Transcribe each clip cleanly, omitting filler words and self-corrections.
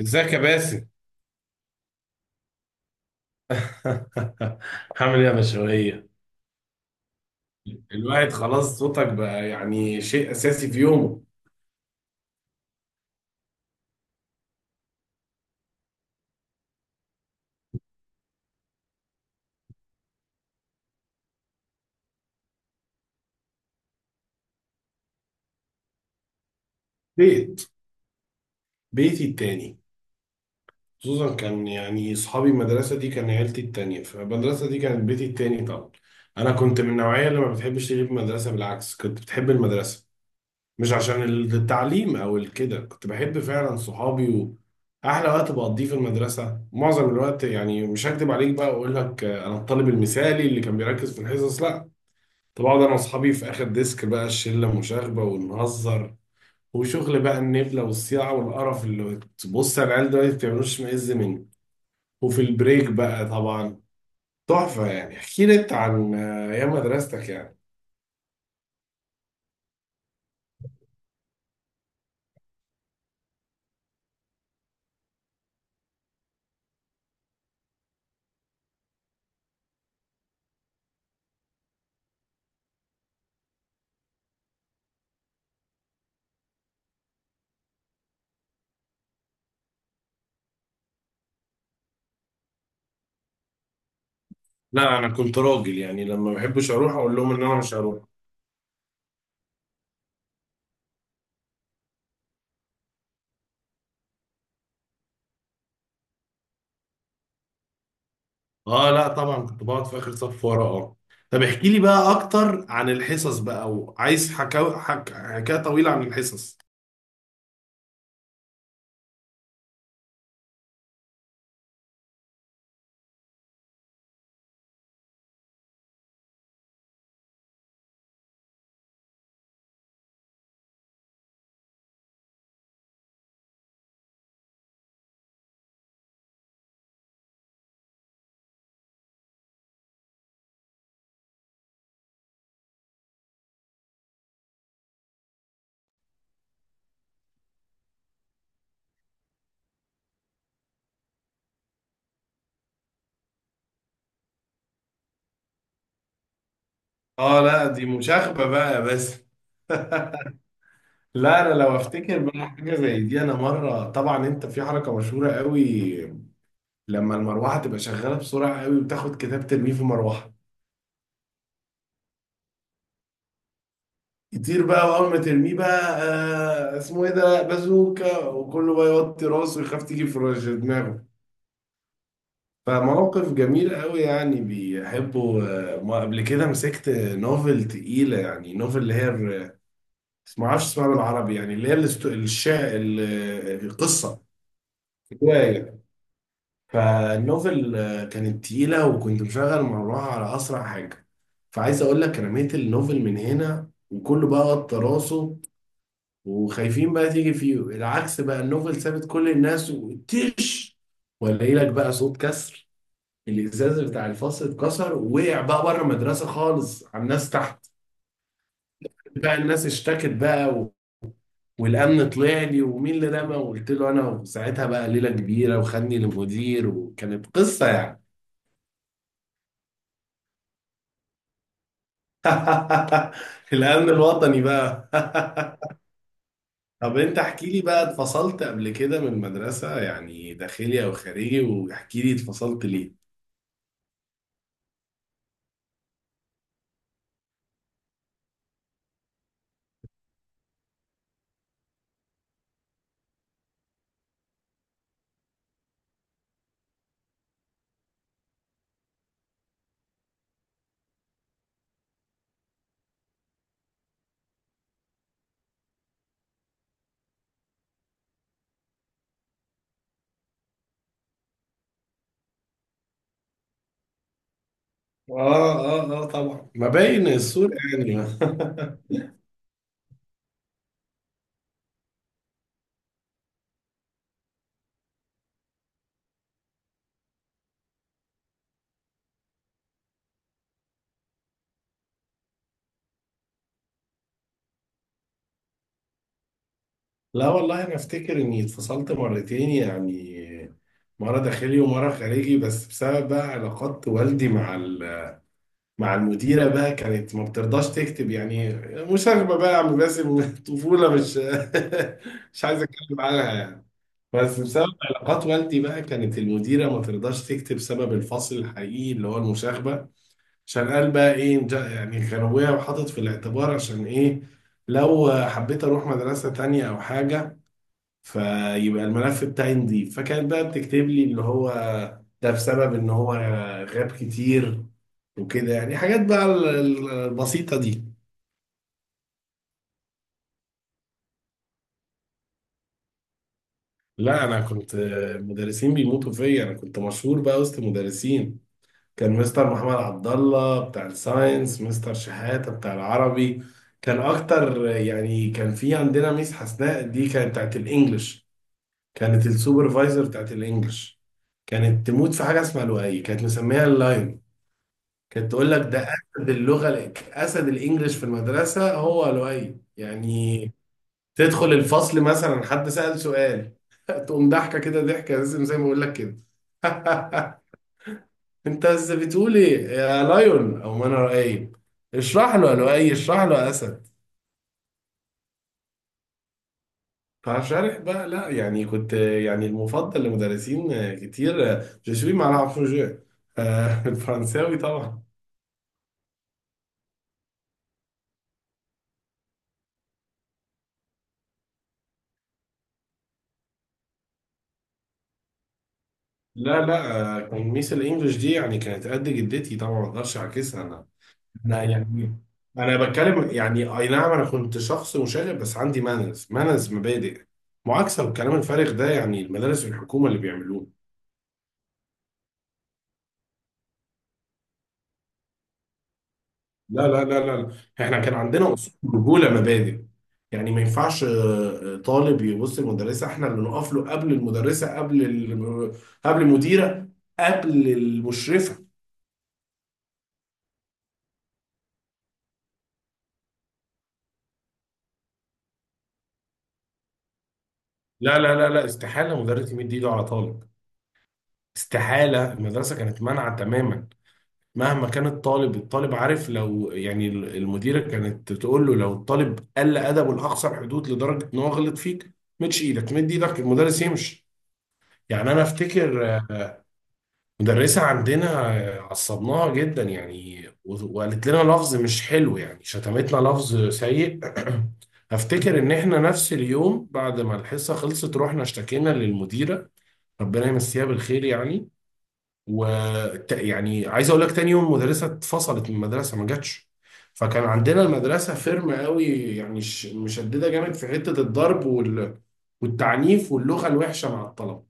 ازيك يا باسم. هعمل ايه يا مشوية؟ الواحد خلاص، صوتك بقى يعني شيء اساسي في يومه. بيت، بيتي التاني. خصوصا كان يعني اصحابي، المدرسه دي كان عيلتي التانيه، فالمدرسه دي كانت بيتي التاني طبعا. انا كنت من النوعيه اللي ما بتحبش تغيب مدرسه، بالعكس كنت بتحب المدرسه، مش عشان التعليم او الكده، كنت بحب فعلا صحابي واحلى وقت بقضيه في المدرسه معظم الوقت. يعني مش هكدب عليك بقى واقول لك انا الطالب المثالي اللي كان بيركز في الحصص، لا. طب اقعد انا واصحابي في اخر ديسك بقى، الشله مشاغبه ونهزر وشغل بقى، النبله والصياعه والقرف اللي تبص على العيال دلوقتي ما بتعملوش معز منه. وفي البريك بقى طبعا تحفه. يعني احكي لي انت عن ايام مدرستك يعني. لا انا كنت راجل يعني، لما ما بحبش اروح اقول لهم ان انا مش هروح. اه، لا طبعا كنت بقعد في اخر صف ورا، اه. طب احكي لي بقى اكتر عن الحصص بقى، وعايز حكاوي حكايه طويله عن الحصص. اه لا، دي مشاغبه بقى بس. لا انا لو افتكر بقى حاجه زي دي، انا مره، طبعا انت في حركه مشهوره قوي: لما المروحه تبقى شغاله بسرعه قوي وتاخد كتاب ترميه في مروحه يطير بقى. واول ما ترميه بقى، اسمه ايه ده، بازوكا، وكله بقى يوطي راسه ويخاف تيجي في رش دماغه. فموقف جميل قوي يعني، بيحبه. ما قبل كده مسكت نوفل تقيله، يعني نوفل اللي هي ما اعرفش اسمها بالعربي، يعني اللي هي القصه، روايه. فالنوفل كانت تقيلة، وكنت مشغل مروحة على أسرع حاجة. فعايز أقول لك، أنا رميت النوفل من هنا وكله بقى قط راسه وخايفين بقى تيجي فيه. العكس بقى، النوفل سابت كل الناس وتش، ولاقي لك بقى صوت كسر الإزاز بتاع الفصل اتكسر ووقع بقى بره المدرسة خالص على الناس تحت. بقى الناس اشتكت بقى والأمن طلع لي ومين اللي رمى، وقلت له أنا. وساعتها بقى ليلة كبيرة، وخدني للمدير، وكانت قصة يعني. الأمن الوطني بقى. طب أنت احكي لي بقى، اتفصلت قبل كده من المدرسة يعني، داخلي أو خارجي، واحكي لي اتفصلت ليه. آه آه آه، طبعا ما باين الصورة يعني. لا والله أنا أفتكر إني اتفصلت مرتين يعني، مرة داخلي ومرة خارجي، بس بسبب بقى علاقات والدي مع مع المديرة بقى، كانت ما بترضاش تكتب يعني مشاغبة بقى يا عم باسم. طفولة، مش مش عايز أتكلم عنها يعني. بس بسبب علاقات والدي بقى، كانت المديرة ما ترضاش تكتب سبب الفصل الحقيقي اللي هو المشاغبة، عشان قال بقى ايه، يعني غروية، وحاطط في الاعتبار عشان ايه لو حبيت اروح مدرسة تانية او حاجة، فيبقى الملف بتاعي نضيف. فكانت بقى بتكتب لي اللي هو ده بسبب ان هو غاب كتير وكده. يعني حاجات بقى البسيطة دي. لا انا كنت، مدرسين بيموتوا فيا، انا كنت مشهور بقى وسط مدرسين. كان مستر محمد عبد الله بتاع الساينس، مستر شحاتة بتاع العربي كان اكتر يعني. كان في عندنا ميس حسناء، دي كانت بتاعت الانجليش، كانت السوبرفايزر بتاعت الانجليش، كانت تموت في حاجه اسمها لؤي، كانت مسميها اللاين. كانت تقول لك ده اسد اللغه، اسد الانجليش في المدرسه هو لؤي يعني. تدخل الفصل مثلا، حد سأل سؤال، تقوم ضحكه كده، ضحكه لازم زي ما بقول لك كده. انت بس بتقول ايه يا لايون، او ما انا رأيب، اشرح له يا لؤي، اشرح له يا اسد. فشارح بقى. لا يعني كنت يعني المفضل لمدرسين كتير، جو سوي مع العفو جو. الفرنساوي طبعا. لا لا، كان ميس الانجليش دي يعني كانت قد جدتي طبعا، ما اقدرش اعكسها انا. انا يعني، انا بتكلم يعني، اي نعم انا كنت شخص مشاغب، بس عندي مانز مبادئ. معاكسه والكلام الفارغ ده يعني المدارس الحكومه اللي بيعملوه. لا لا لا لا، احنا كان عندنا اصول، رجوله، مبادئ. يعني ما ينفعش طالب يبص للمدرسه، احنا اللي نقف له قبل المدرسه، قبل قبل المديره، قبل المشرفه. لا لا لا لا، استحاله مدرس يمد ايده على طالب، استحاله، المدرسه كانت مانعه تماما. مهما كان الطالب، الطالب عارف، لو يعني المديره كانت تقول له، لو الطالب قل ادبه لاقصى الحدود لدرجه ان هو غلط فيك، مدش ايدك، مد ايدك المدرس يمشي. يعني انا افتكر مدرسة عندنا عصبناها جدا يعني، وقالت لنا لفظ مش حلو، يعني شتمتنا لفظ سيء. افتكر ان احنا نفس اليوم بعد ما الحصة خلصت رحنا اشتكينا للمديرة، ربنا يمسيها بالخير يعني، و يعني عايز اقول لك، تاني يوم المدرسة اتفصلت من المدرسة، ما جاتش. فكان عندنا المدرسة فيرم قوي، يعني مشددة جامد في حتة الضرب والتعنيف واللغة الوحشة مع الطلبة.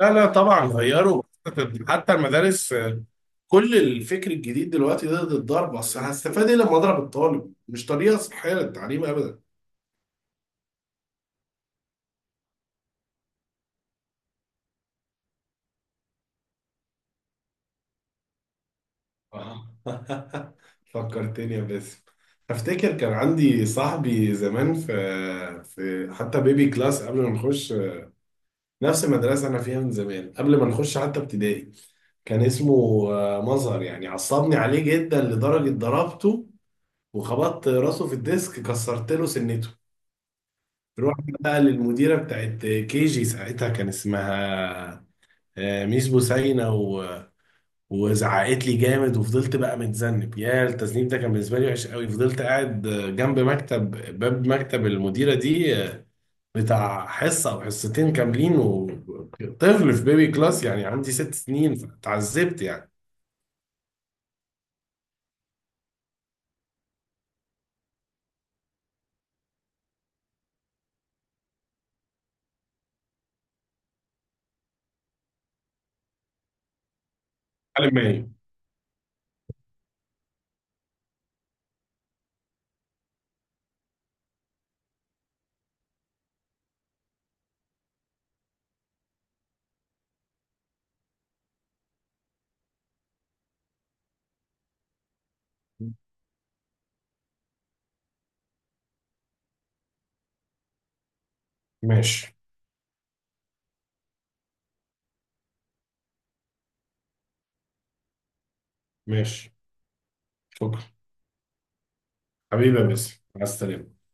لا لا طبعا غيروا، حتى المدارس، كل الفكر الجديد دلوقتي ده ضد الضرب. اصل هستفاد ايه لما اضرب الطالب؟ مش طريقه صحيه للتعليم ابدا. آه. فكرتني يا باسم، افتكر كان عندي صاحبي زمان في، في حتى بيبي كلاس، قبل ما نخش، نفس المدرسه انا فيها من زمان، قبل ما نخش حتى ابتدائي. كان اسمه مظهر. يعني عصبني عليه جدا لدرجه ضربته وخبطت راسه في الديسك، كسرت له سنته. رحت بقى للمديره بتاعت KG، ساعتها كان اسمها ميس بوسينا، وزعقت لي جامد، وفضلت بقى متذنب. يا التذنيب ده كان بالنسبه لي وحش قوي، فضلت قاعد جنب مكتب، باب مكتب المديره دي بتاع حصه او حصتين كاملين، وطفل في بيبي كلاس يعني عندي 6 سنين، فتعذبت يعني. على ماشي. ماشي. ماشي. شكرا. حبيبي يا باسم، مع السلامه.